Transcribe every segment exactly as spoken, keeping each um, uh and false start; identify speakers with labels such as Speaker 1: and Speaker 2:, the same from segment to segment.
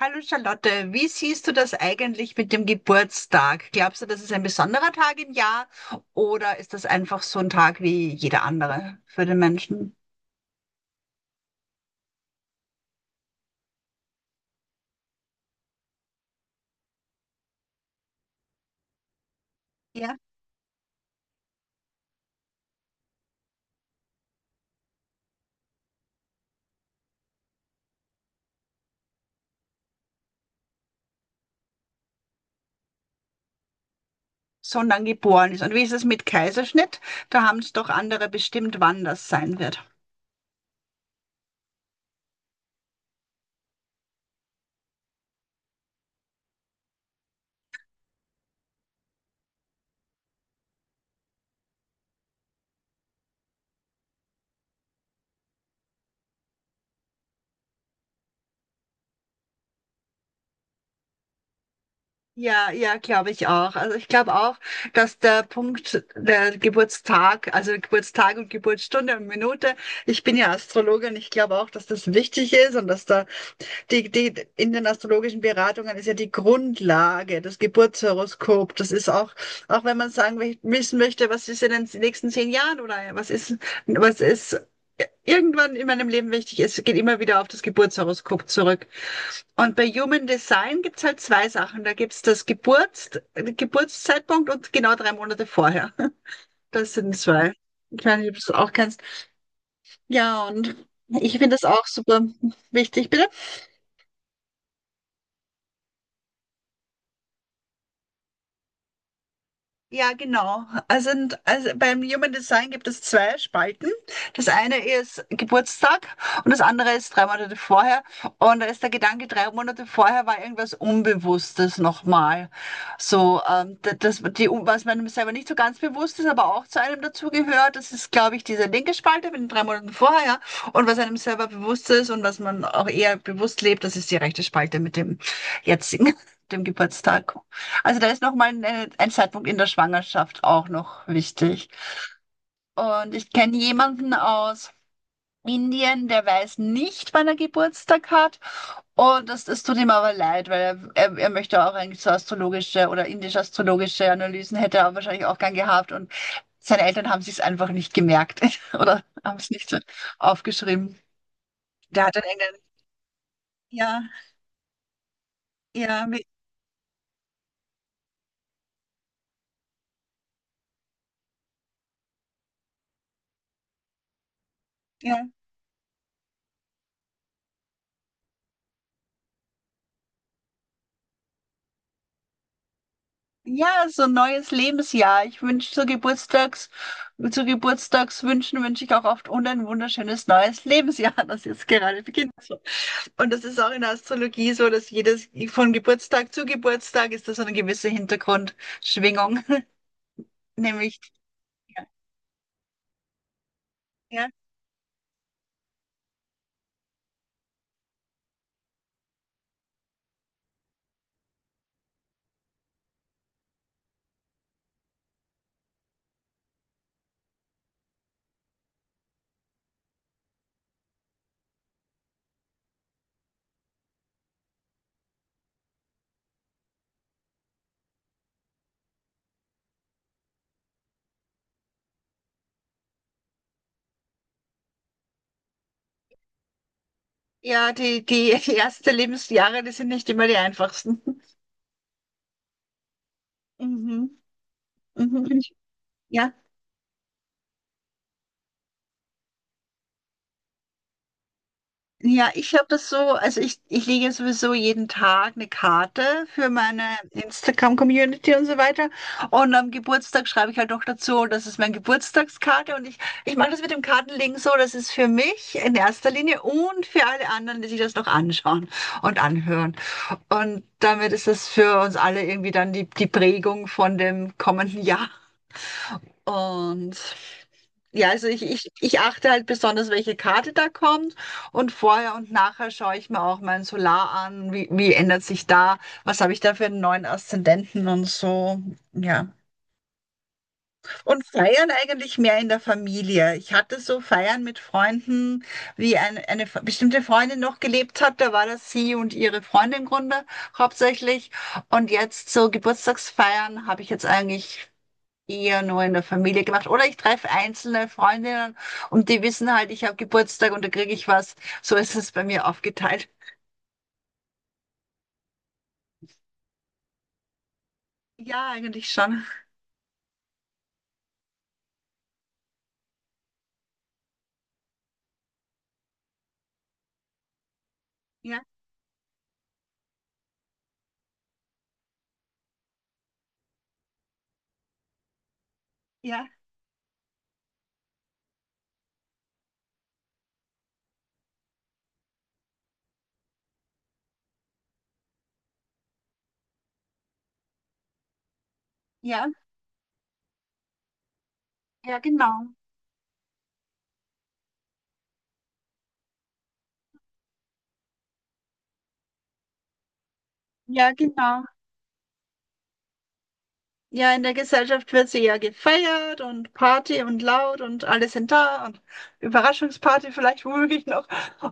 Speaker 1: Hallo Charlotte, wie siehst du das eigentlich mit dem Geburtstag? Glaubst du, das ist ein besonderer Tag im Jahr oder ist das einfach so ein Tag wie jeder andere für den Menschen, der so lang geboren ist? Und wie ist es mit Kaiserschnitt? Da haben es doch andere bestimmt, wann das sein wird. Ja, ja, glaube ich auch. Also ich glaube auch, dass der Punkt, der Geburtstag, also Geburtstag und Geburtsstunde und Minute, ich bin ja Astrologin, ich glaube auch, dass das wichtig ist und dass da die, die in den astrologischen Beratungen ist ja die Grundlage, das Geburtshoroskop. Das ist auch, auch wenn man sagen, will- wissen möchte, was ist in den nächsten zehn Jahren oder was ist, was ist irgendwann in meinem Leben wichtig ist, geht immer wieder auf das Geburtshoroskop zurück. Und bei Human Design gibt's halt zwei Sachen. Da gibt's das Geburts Geburtszeitpunkt und genau drei Monate vorher. Das sind zwei. Ich weiß nicht, ob du es auch kennst. Ja, und ich finde das auch super wichtig. Bitte? Ja, genau. Also, und- also beim Human Design gibt es zwei Spalten. Das eine ist Geburtstag und das andere ist drei Monate vorher. Und da ist der Gedanke, drei Monate vorher war irgendwas Unbewusstes nochmal. So, ähm, da- das, die, was man selber nicht so ganz bewusst ist, aber auch zu einem dazugehört. Das ist, glaube ich, diese linke Spalte mit den drei Monaten vorher. Und was einem selber bewusst ist und was man auch eher bewusst lebt, das ist die rechte Spalte mit dem jetzigen, dem Geburtstag. Also da ist noch mal ein, äh, ein Zeitpunkt in der Schwangerschaft auch noch wichtig. Und ich kenne jemanden aus Indien, der weiß nicht, wann er Geburtstag hat. Und das, das tut ihm aber leid, weil er, er, er möchte auch eigentlich so astrologische oder indisch-astrologische Analysen hätte er wahrscheinlich auch gern gehabt. Und seine Eltern haben sich's einfach nicht gemerkt oder haben es nicht so aufgeschrieben. Der hat dann irgendeinen, ja, ja, mit- ja. Ja, so ein neues Lebensjahr. Ich wünsche zu Geburtstags, Zu Geburtstagswünschen wünsche ich auch oft und ein wunderschönes neues Lebensjahr, das jetzt gerade beginnt. So. Und das ist auch in der Astrologie so, dass jedes von Geburtstag zu Geburtstag ist das so eine gewisse Hintergrundschwingung. Nämlich, ja, ja, die, die ersten Lebensjahre, die sind nicht immer die einfachsten. Mhm. Mhm. Ja. Ja, ich habe das so, also ich, ich lege ja sowieso jeden Tag eine Karte für meine Instagram-Community und so weiter. Und am Geburtstag schreibe ich halt noch dazu, das ist meine Geburtstagskarte. Und ich, ich mache das mit dem Kartenlegen so, das ist für mich in erster Linie und für alle anderen, die sich das noch anschauen und anhören. Und damit ist das für uns alle irgendwie dann die, die Prägung von dem kommenden Jahr. Und ja, also ich, ich, ich achte halt besonders, welche Karte da kommt. Und vorher und nachher schaue ich mir auch mein Solar an. Wie, wie ändert sich da? Was habe ich da für einen neuen Aszendenten und so? Ja. Und feiern eigentlich mehr in der Familie. Ich hatte so Feiern mit Freunden, wie eine, eine f- bestimmte Freundin noch gelebt hat. Da war das sie und ihre Freundin im Grunde hauptsächlich. Und jetzt so Geburtstagsfeiern habe ich jetzt eigentlich eher nur in der Familie gemacht. Oder ich treffe einzelne Freundinnen und die wissen halt, ich habe Geburtstag und da kriege ich was. So ist es bei mir aufgeteilt. Ja, eigentlich schon. Ja, ja, ja, ja, genau. Ja, genau. Ja, in der Gesellschaft wird sie ja gefeiert und Party und laut und alle sind da und Überraschungsparty vielleicht womöglich noch.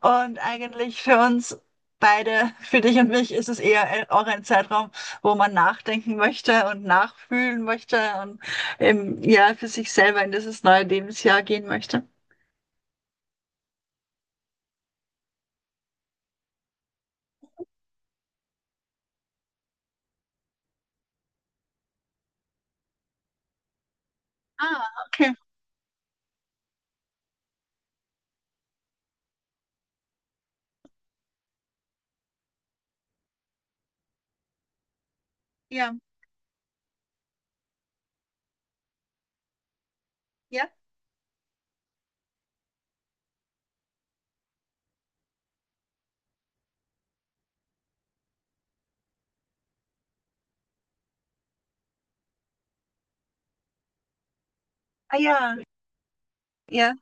Speaker 1: Und eigentlich für uns beide, für dich und mich, ist es eher ein- auch ein Zeitraum, wo man nachdenken möchte und nachfühlen möchte und ähm, ja, für sich selber in dieses neue Lebensjahr gehen möchte. Ah, okay. Ja, ja. Ah ja, ja.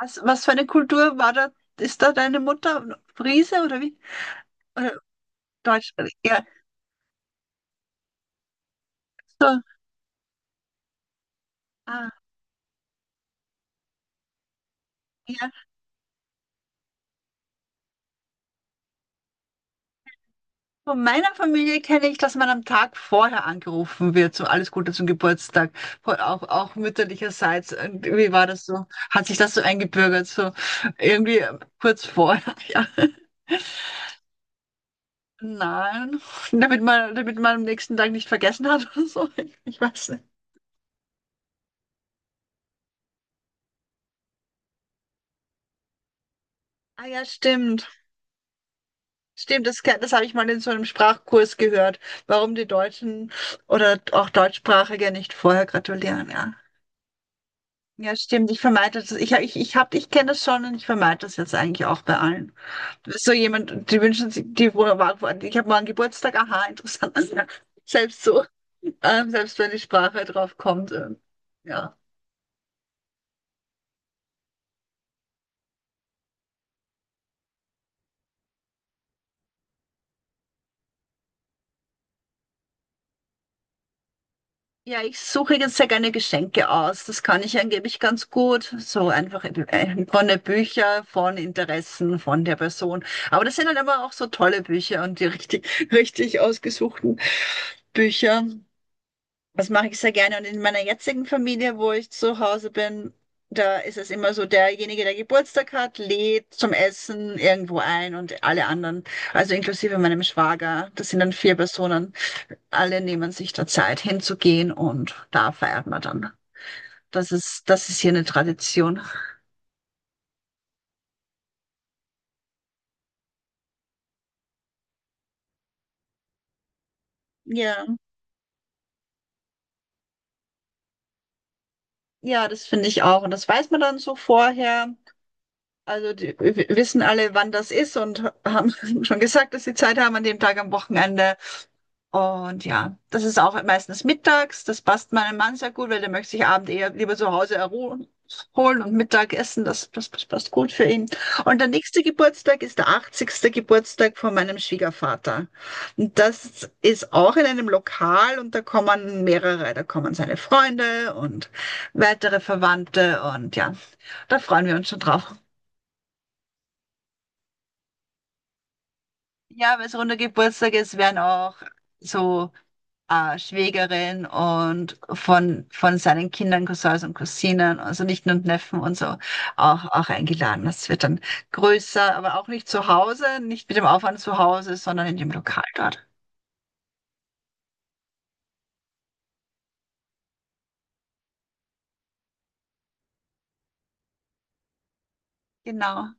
Speaker 1: Was, was für eine Kultur war da? Ist da deine Mutter Friese oder wie? Oder Deutsch? Ja, so. Ah, ja, von meiner Familie kenne ich, dass man am Tag vorher angerufen wird, so alles Gute zum Geburtstag, Von- auch, auch mütterlicherseits. Und wie war das so? Hat sich das so eingebürgert, so irgendwie äh, kurz vorher? Ja. Nein, damit man, damit man am nächsten Tag nicht vergessen hat oder so. Ich weiß nicht. Ah ja, stimmt. Stimmt, das, ke- das habe ich mal in so einem Sprachkurs gehört, warum die Deutschen oder auch Deutschsprachige nicht vorher gratulieren. Ja. Ja, stimmt. Ich vermeide das. Ich, ich, ich hab, ich kenne das schon und ich vermeide das jetzt eigentlich auch bei allen. So jemand, die wünschen sich, die wo- wo- ich habe morgen Geburtstag, aha, interessant. Ja, Selbst so, ähm, selbst wenn die Sprache drauf kommt. ähm, ja. Ja, ich suche jetzt sehr gerne Geschenke aus. Das kann ich angeblich ganz gut. So einfach äh, von den Büchern, von Interessen, von der Person. Aber das sind dann immer auch so tolle Bücher und die richtig, richtig ausgesuchten Bücher. Das mache ich sehr gerne. Und in meiner jetzigen Familie, wo ich zu Hause bin, da ist es immer so, derjenige, der Geburtstag hat, lädt zum Essen irgendwo ein und alle anderen, also inklusive meinem Schwager, das sind dann vier Personen, alle nehmen sich da Zeit hinzugehen und da feiert man dann. Das ist, das ist hier eine Tradition. Ja, ja, das finde ich auch. Und das weiß man dann so vorher. Also die w- wissen alle, wann das ist und haben schon gesagt, dass sie Zeit haben an dem Tag am Wochenende. Und ja, das ist auch meistens mittags. Das passt meinem Mann sehr gut, weil der möchte sich abend eher lieber zu Hause erholen holen und Mittag essen. Das, das, das passt gut für ihn. Und der nächste Geburtstag ist der achtzigste. Geburtstag von meinem Schwiegervater. Und das ist auch in einem Lokal und da kommen mehrere. Da kommen seine Freunde und weitere Verwandte und ja, da freuen wir uns schon drauf. Ja, weil es runder Geburtstag ist, werden auch so äh, Schwägerin und von, von seinen Kindern, Cousins und Cousinen, also Nichten und Neffen und so, auch, auch eingeladen. Das wird dann größer, aber auch nicht zu Hause, nicht mit dem Aufwand zu Hause, sondern in dem Lokal dort. Genau.